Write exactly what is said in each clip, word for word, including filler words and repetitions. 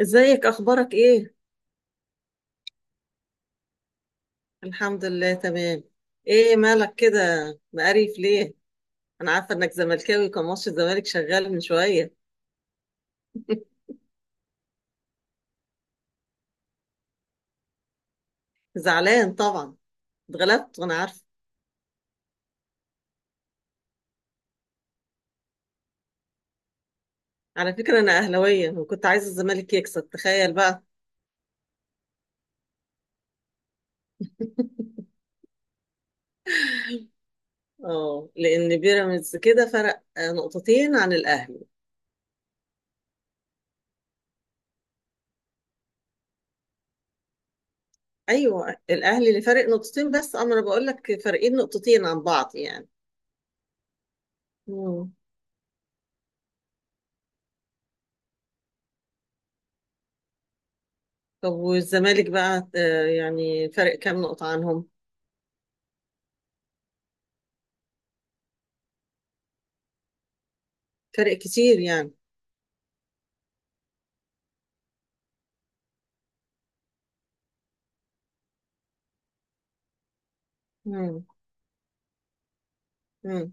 ازيك، اخبارك ايه؟ الحمد لله تمام. ايه مالك كده؟ مقريف ليه؟ انا عارفه انك زملكاوي، كان ماتش الزمالك شغال من شويه. زعلان طبعا. اتغلبت وانا عارفه. على فكره انا اهلاويه وكنت عايزه الزمالك يكسب، تخيل بقى. اه، لان بيراميدز كده فرق آه، نقطتين عن الاهلي. ايوه الاهلي اللي فارق نقطتين، بس اما انا بقول لك فارقين نقطتين عن بعض يعني. مم. طب والزمالك بقى آه، يعني فرق كام نقطه عنهم؟ فرق كتير يعني. مم. مم.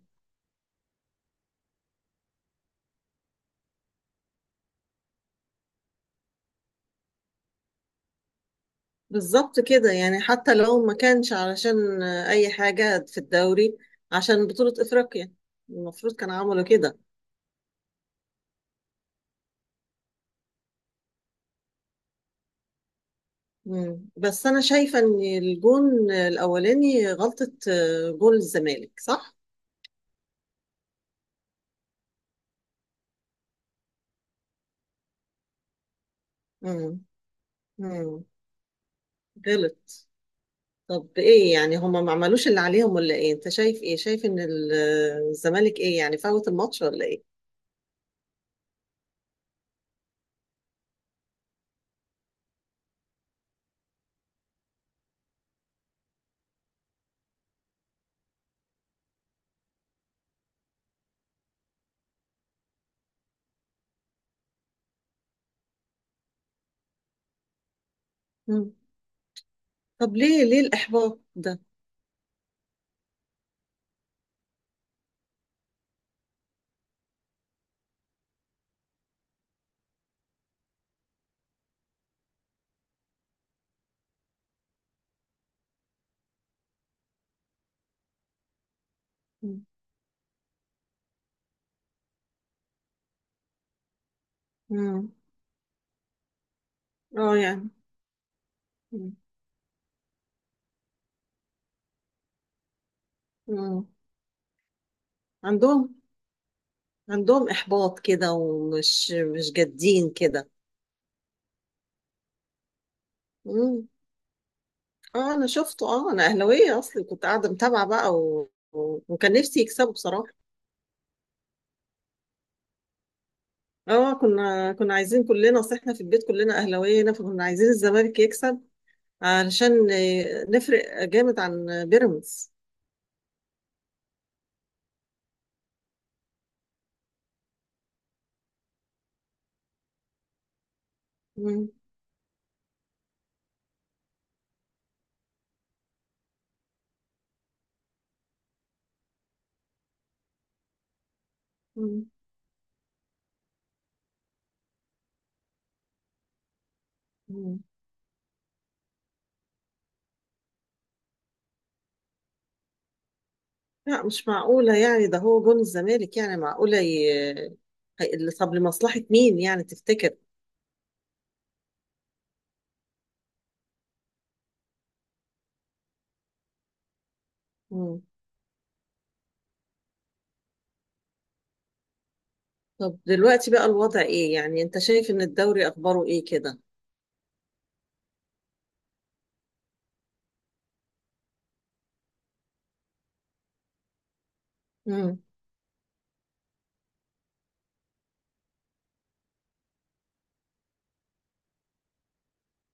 بالظبط كده، يعني حتى لو ما كانش علشان أي حاجة في الدوري، عشان بطولة إفريقيا، المفروض كان عملوا كده. مم. بس أنا شايفة إن الجون الأولاني غلطة، آه، جون الزمالك، صح؟ مم. مم. غلط. طب إيه، يعني هما ما عملوش اللي عليهم ولا إيه؟ أنت شايف إيه؟ شايف إن ال- آه، الزمالك إيه يعني، فوت الماتش ولا إيه؟ مم. طب ليه ليه الإحباط ده؟ مم. مم. اه يعني. مم. مم. عندهم عندهم إحباط كده، ومش مش جادين كده. مم. اه انا شفته، اه انا اهلاويه اصلي، كنت قاعده متابعه بقى و... و... وكان نفسي يكسبوا بصراحه. اه كنا كنا عايزين كلنا، اصل احنا في البيت كلنا اهلاويه هنا، فكنا عايزين الزمالك يكسب علشان آه، نفرق جامد عن بيراميدز. مم. مم. مم. لا مش معقوله يعني، ده هو جون الزمالك، يعني معقوله ي... هي- طب لمصلحه مين يعني تفتكر؟ طب دلوقتي بقى الوضع ايه، يعني انت شايف ان الدوري اخباره ايه كده؟ امم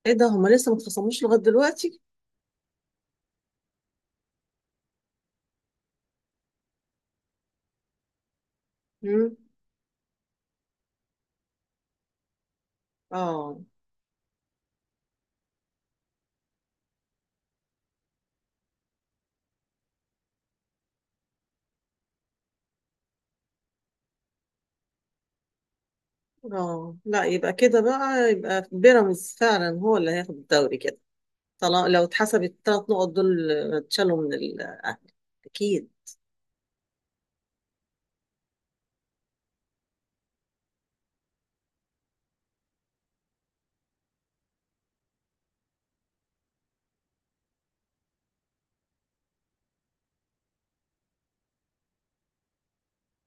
ايه ده، هما لسه ما اتخصموش لغايه دلوقتي؟ امم اه اه، لا يبقى كده بقى، يبقى بيراميدز فعلا هو اللي هياخد الدوري كده، طالما لو اتحسب الثلاث نقط دول اتشالوا من الاهلي، اكيد.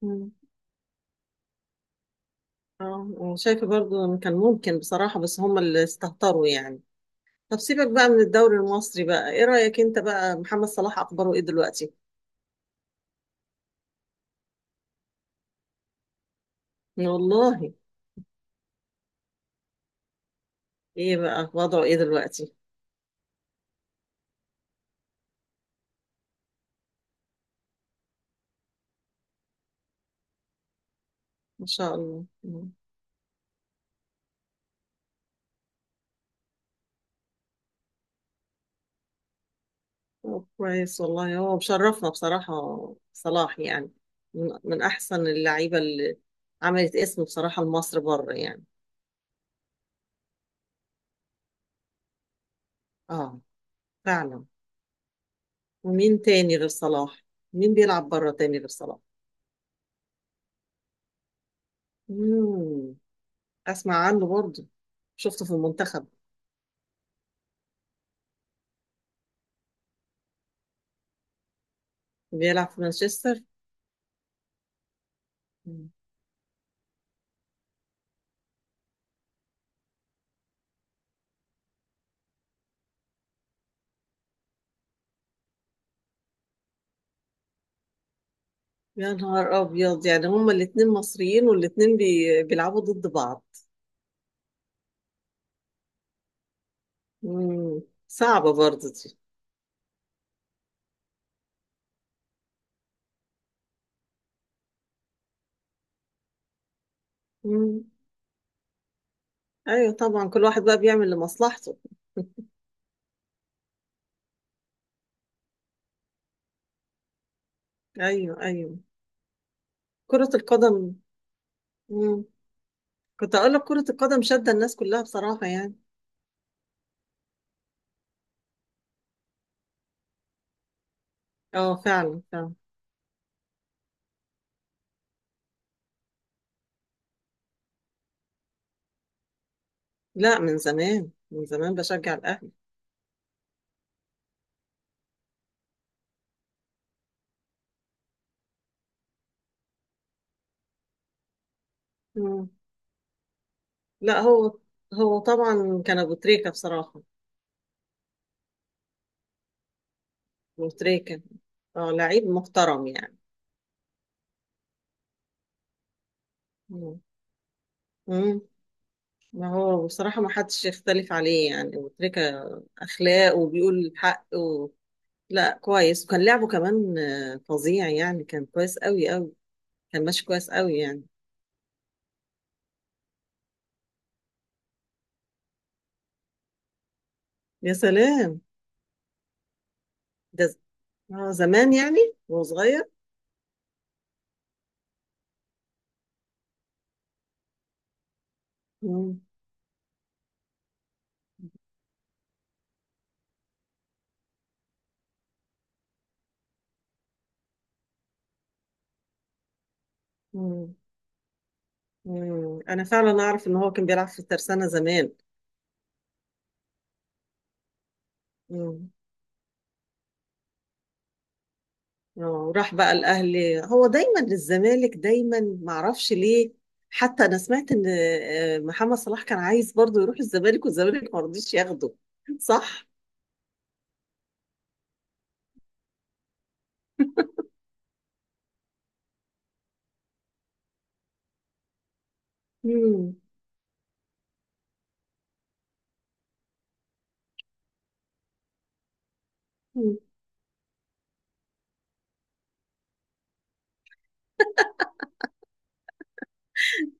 مم. اه، وشايفه برضو إن كان ممكن بصراحه، بس هما اللي استهتروا يعني. طب سيبك بقى من الدوري المصري بقى، ايه رايك انت بقى، محمد صلاح اخباره ايه دلوقتي؟ والله. ايه بقى وضعه ايه دلوقتي؟ ما شاء الله. مم. طب كويس والله، هو مشرفنا بصراحة، صلاح يعني، من, من أحسن اللعيبة اللي عملت اسم بصراحة لمصر بره يعني. اه فعلا. ومين تاني غير صلاح؟ مين بيلعب بره تاني غير صلاح؟ مم. أسمع عنه برضه، شفته في المنتخب. بيلعب في مانشستر. مم. يا نهار أبيض، يعني هما الاتنين مصريين والاتنين بي... بيلعبوا ضد بعض. مم. صعبة برضه دي. مم. ايوه طبعا، كل واحد بقى بيعمل لمصلحته. ايوه ايوه. كرة القدم. مم. كنت اقول لك كرة القدم شادة الناس كلها بصراحة يعني. اه فعلا فعلا. لا من زمان، من زمان بشجع الاهلي. مم. لا هو هو طبعا كان ابو تريكة بصراحة. ابو تريكة. اه لعيب محترم يعني. مم. مم. ما هو بصراحة ما حدش يختلف عليه يعني، ابو تريكة اخلاق وبيقول الحق و... لا كويس، وكان لعبه كمان آه، فظيع يعني، كان كويس قوي قوي. كان ماشي كويس قوي يعني. يا سلام. ده ز- اه زمان يعني، وهو صغير. مم. مم. مم. انا فعلا اعرف ان هو كان بيلعب في الترسانة زمان. مم. اه وراح بقى الاهلي، هو دايما للزمالك دايما معرفش ليه. حتى انا سمعت ان آه، محمد صلاح كان عايز برضه يروح الزمالك والزمالك ما رضيش ياخده، صح. مم.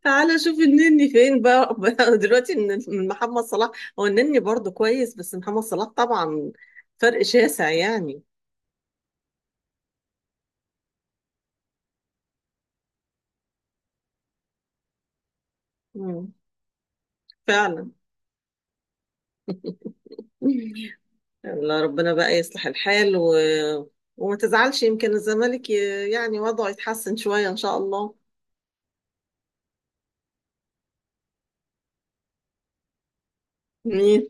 تعالى شوف النني فين بقى، بقى دلوقتي من من محمد صلاح. هو النني برضه كويس، بس محمد صلاح طبعا فرق شاسع يعني. مم. فعلا. الله ربنا بقى يصلح الحال و... وما تزعلش، يمكن الزمالك ي... يعني وضعه يتحسن شوية إن شاء الله. مين؟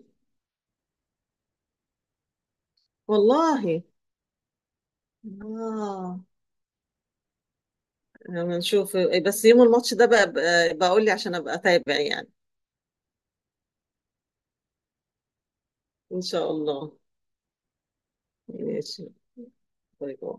والله. آه لما نشوف بس يوم الماتش ده بقى بقى بقول لي عشان أبقى أتابع يعني. إن شاء الله. ماشي. باي باي.